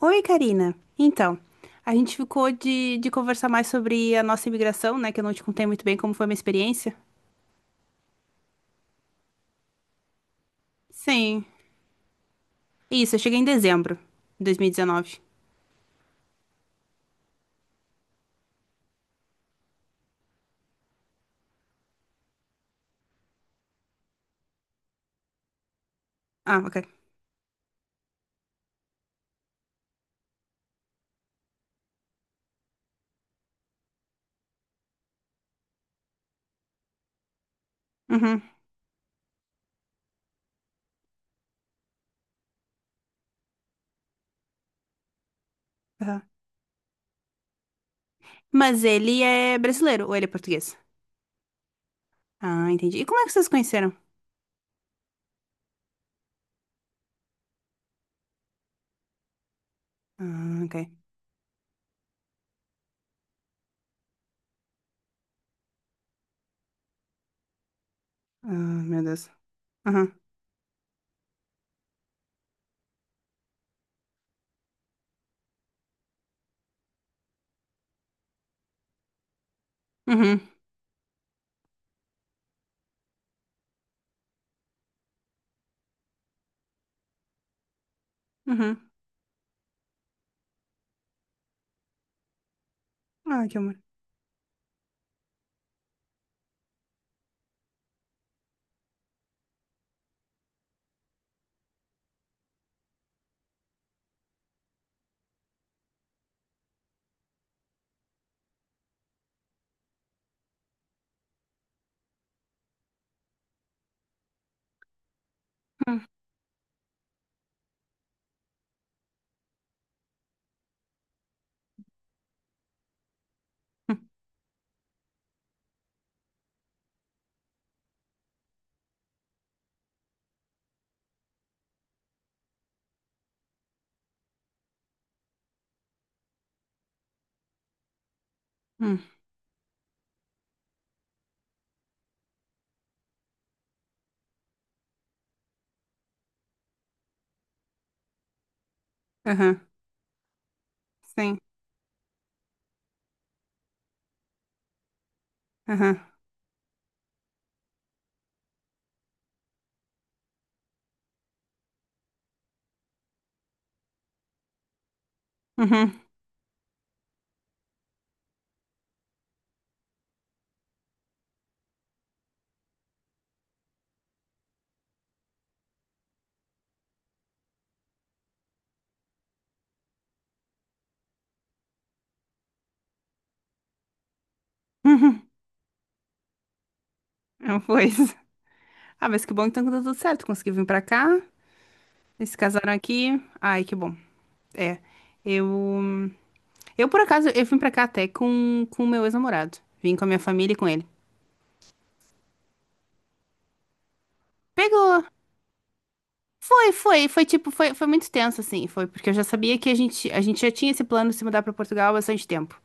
Oi, Karina. Então, a gente ficou de conversar mais sobre a nossa imigração, né? Que eu não te contei muito bem como foi a minha experiência. Sim. Isso, eu cheguei em dezembro de 2019. Ah, ok. Uhum. Aham. Mas ele é brasileiro ou ele é português? Ah, entendi. E como é que vocês se conheceram? Ah, ok. Ah, meu Deus. Aham. Uhum. Uhum. Ah, que amor. Hum, hum, hum. Aham. Sim. Aham. Uhum. Uhum. Não foi isso. Ah, mas que bom que então que deu tudo certo. Consegui vir pra cá. Eles se casaram aqui. Ai, que bom. É. Eu, eu por acaso, eu vim pra cá até com o meu ex-namorado. Vim com a minha família e com ele. Pegou. Foi tipo, foi muito tenso assim, foi porque eu já sabia que a gente já tinha esse plano de se mudar pra Portugal há bastante tempo.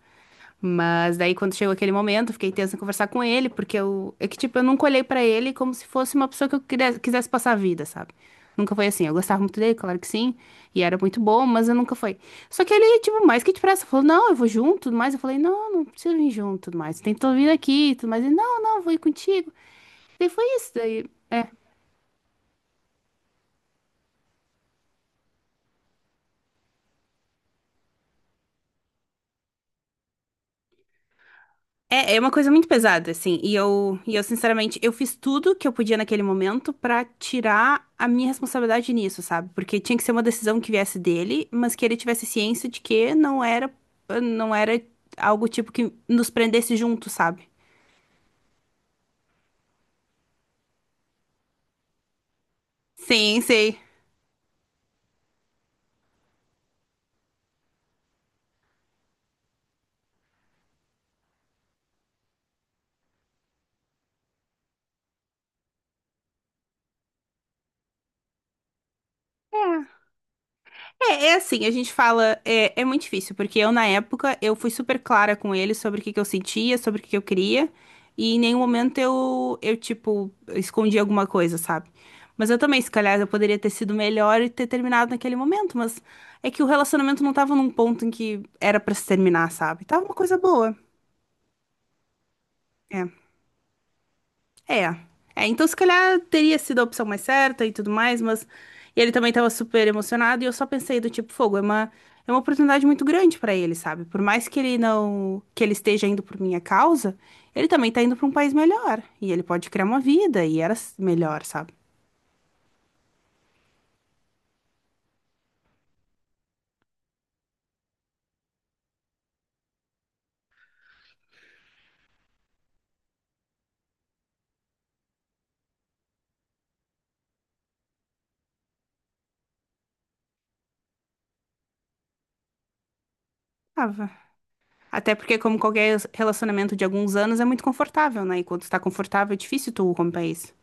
Mas daí, quando chegou aquele momento, eu fiquei tensa em conversar com ele, porque eu, é que, tipo, eu nunca olhei pra ele como se fosse uma pessoa que eu quisesse passar a vida, sabe? Nunca foi assim. Eu gostava muito dele, claro que sim, e era muito bom, mas eu nunca foi. Só que ele, tipo, mais que depressa, falou: Não, eu vou junto, tudo mais. Eu falei: Não, não preciso vir junto, tudo mais. Tem que vir aqui, tudo mais. Ele: Não, não, vou ir contigo. Daí foi isso. Daí. É, é uma coisa muito pesada, assim, e eu, sinceramente, eu fiz tudo que eu podia naquele momento pra tirar a minha responsabilidade nisso, sabe? Porque tinha que ser uma decisão que viesse dele, mas que ele tivesse ciência de que não era algo tipo que nos prendesse junto, sabe? Sim, sei. É, é assim, a gente fala, é, é muito difícil, porque eu na época eu fui super clara com ele sobre o que que eu sentia, sobre o que que eu queria, e em nenhum momento eu tipo, escondi alguma coisa, sabe? Mas eu também, se calhar, eu poderia ter sido melhor e ter terminado naquele momento, mas é que o relacionamento não tava num ponto em que era pra se terminar, sabe? Tava uma coisa boa. É. É. É, então se calhar teria sido a opção mais certa e tudo mais, mas e ele também tava super emocionado e eu só pensei do tipo, fogo, é uma oportunidade muito grande pra ele, sabe? Por mais que ele não que ele esteja indo por minha causa, ele também tá indo pra um país melhor e ele pode criar uma vida e era s- melhor, sabe? Tava. Até porque como qualquer relacionamento de alguns anos é muito confortável, né? E quando está confortável é difícil tu romper isso.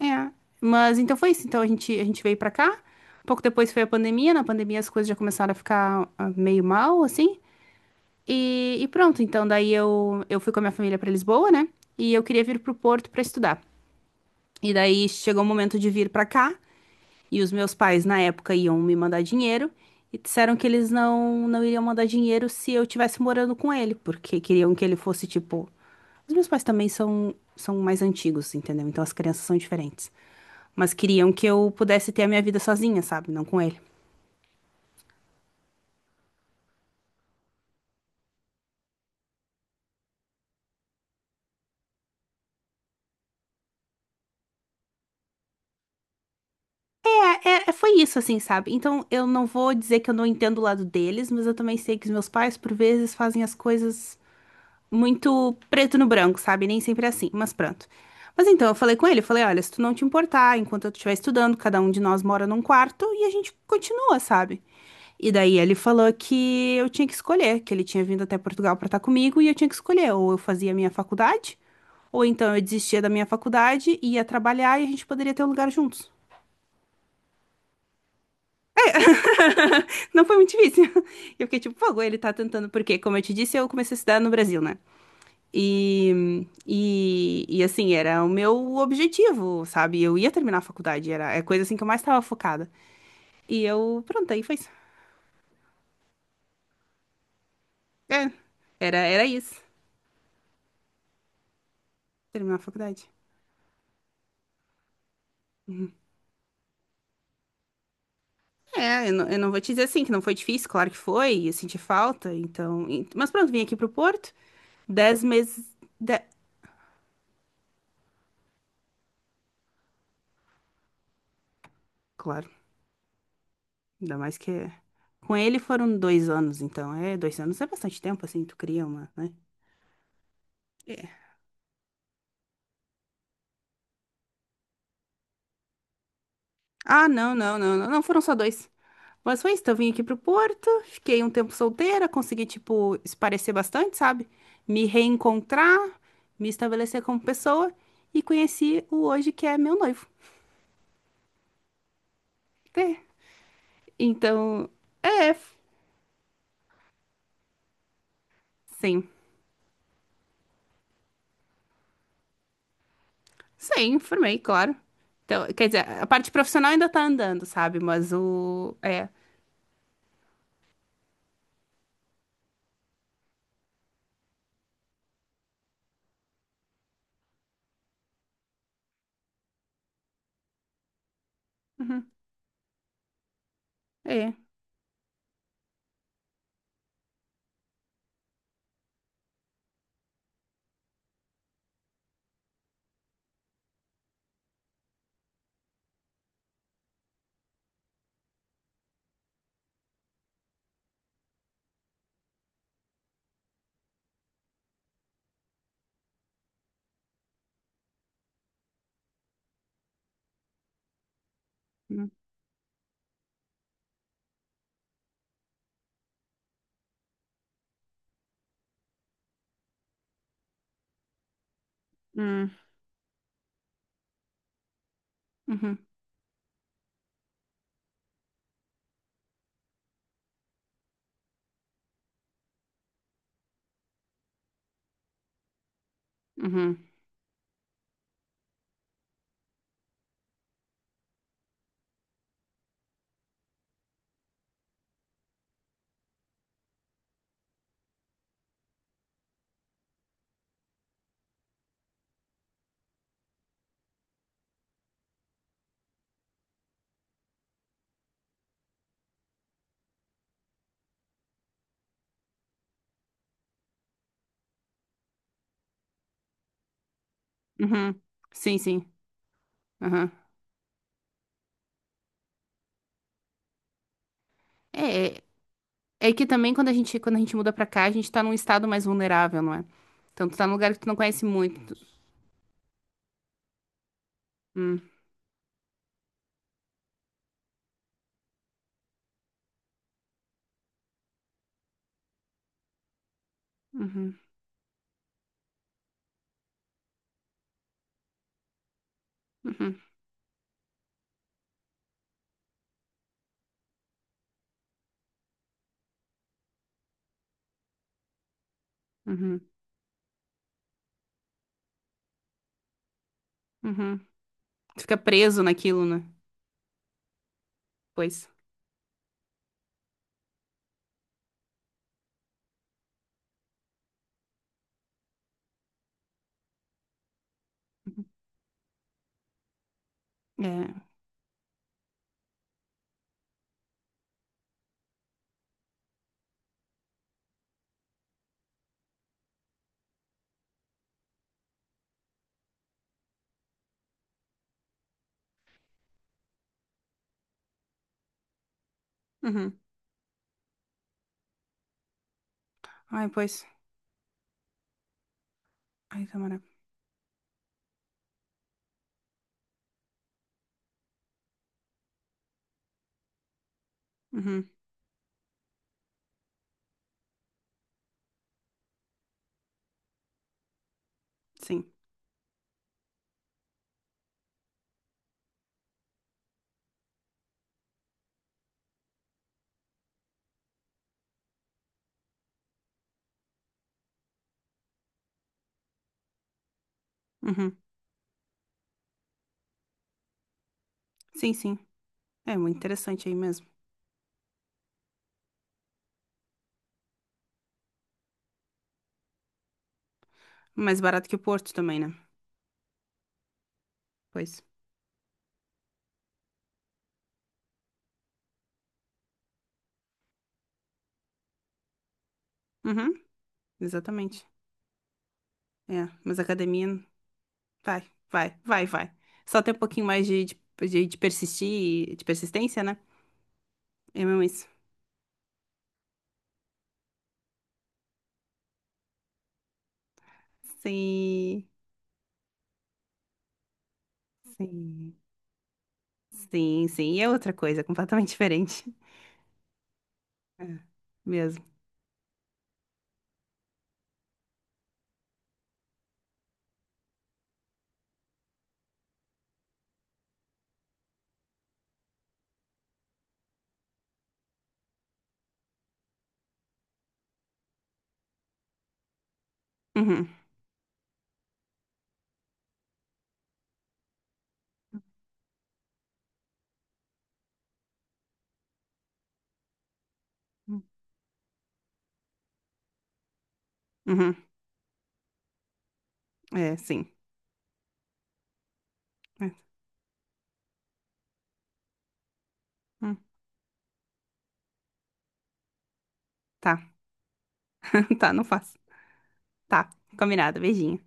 É, mas então foi isso. Então a gente veio pra cá. Pouco depois foi a pandemia. Na pandemia as coisas já começaram a ficar meio mal, assim. E pronto, então daí eu fui com a minha família pra Lisboa, né? E eu queria vir pro Porto pra estudar. E daí chegou o momento de vir pra cá. E os meus pais, na época, iam me mandar dinheiro e disseram que eles não iriam mandar dinheiro se eu estivesse morando com ele, porque queriam que ele fosse tipo. Os meus pais também são mais antigos, entendeu? Então as crianças são diferentes. Mas queriam que eu pudesse ter a minha vida sozinha, sabe? Não com ele. Foi isso, assim, sabe? Então eu não vou dizer que eu não entendo o lado deles, mas eu também sei que os meus pais, por vezes, fazem as coisas muito preto no branco, sabe? Nem sempre é assim, mas pronto. Mas então eu falei com ele, eu falei, olha, se tu não te importar, enquanto eu estiver estudando, cada um de nós mora num quarto e a gente continua, sabe? E daí ele falou que eu tinha que escolher, que ele tinha vindo até Portugal pra estar comigo e eu tinha que escolher, ou eu fazia a minha faculdade, ou então eu desistia da minha faculdade, ia trabalhar e a gente poderia ter um lugar juntos. Não foi muito difícil. Eu fiquei tipo, pô, ele tá tentando, porque, como eu te disse, eu comecei a estudar no Brasil, né? E, assim, era o meu objetivo, sabe? Eu ia terminar a faculdade, era é coisa assim que eu mais estava focada. E eu, pronto, aí foi isso. É, era isso, terminar a faculdade. É, eu não vou te dizer assim, que não foi difícil, claro que foi, eu senti falta, então... e- Mas pronto, vim aqui pro Porto, dez meses... de- Claro, ainda mais que... é- Com ele foram dois anos, então, é, dois anos é bastante tempo, assim, tu cria uma, né? É. Ah, não, não, não, não, não, foram só dois. Mas foi isso, então eu vim aqui pro Porto, fiquei um tempo solteira, consegui, tipo, esparecer bastante, sabe? Me reencontrar, me estabelecer como pessoa e conheci o hoje que é meu noivo. É. Então, é, sim. Sim, formei, claro. Então, quer dizer, a parte profissional ainda tá andando, sabe? Mas o... É. Uhum, é. Hum, hum, Uhum, uhum, uhum. Sim, sim. Uhum. É, é, é que também quando a gente muda pra cá, a gente tá num estado mais vulnerável, não é? Então tu tá num lugar que tu não conhece muito. Hum, uhum, uhum, uhum, uhum. Tu fica preso naquilo, né? Pois. Uhum. É. Uhum. Ai, pois. Ai, Tamara. Uhum. Sim. Uhum. Sim, sim. É muito interessante aí mesmo. Mais barato que o Porto também, né? Pois. Uhum. Exatamente. É. Mas a academia. Vai, vai, vai, vai. Só ter um pouquinho mais de persistir, de persistência, né? É mesmo isso. Sim, sim, sim, sim. E é outra coisa, completamente diferente. É, mesmo. Uhum. Uhum. É, sim. É. Hum. Tá, tá, não faço. Tá, combinado, beijinho.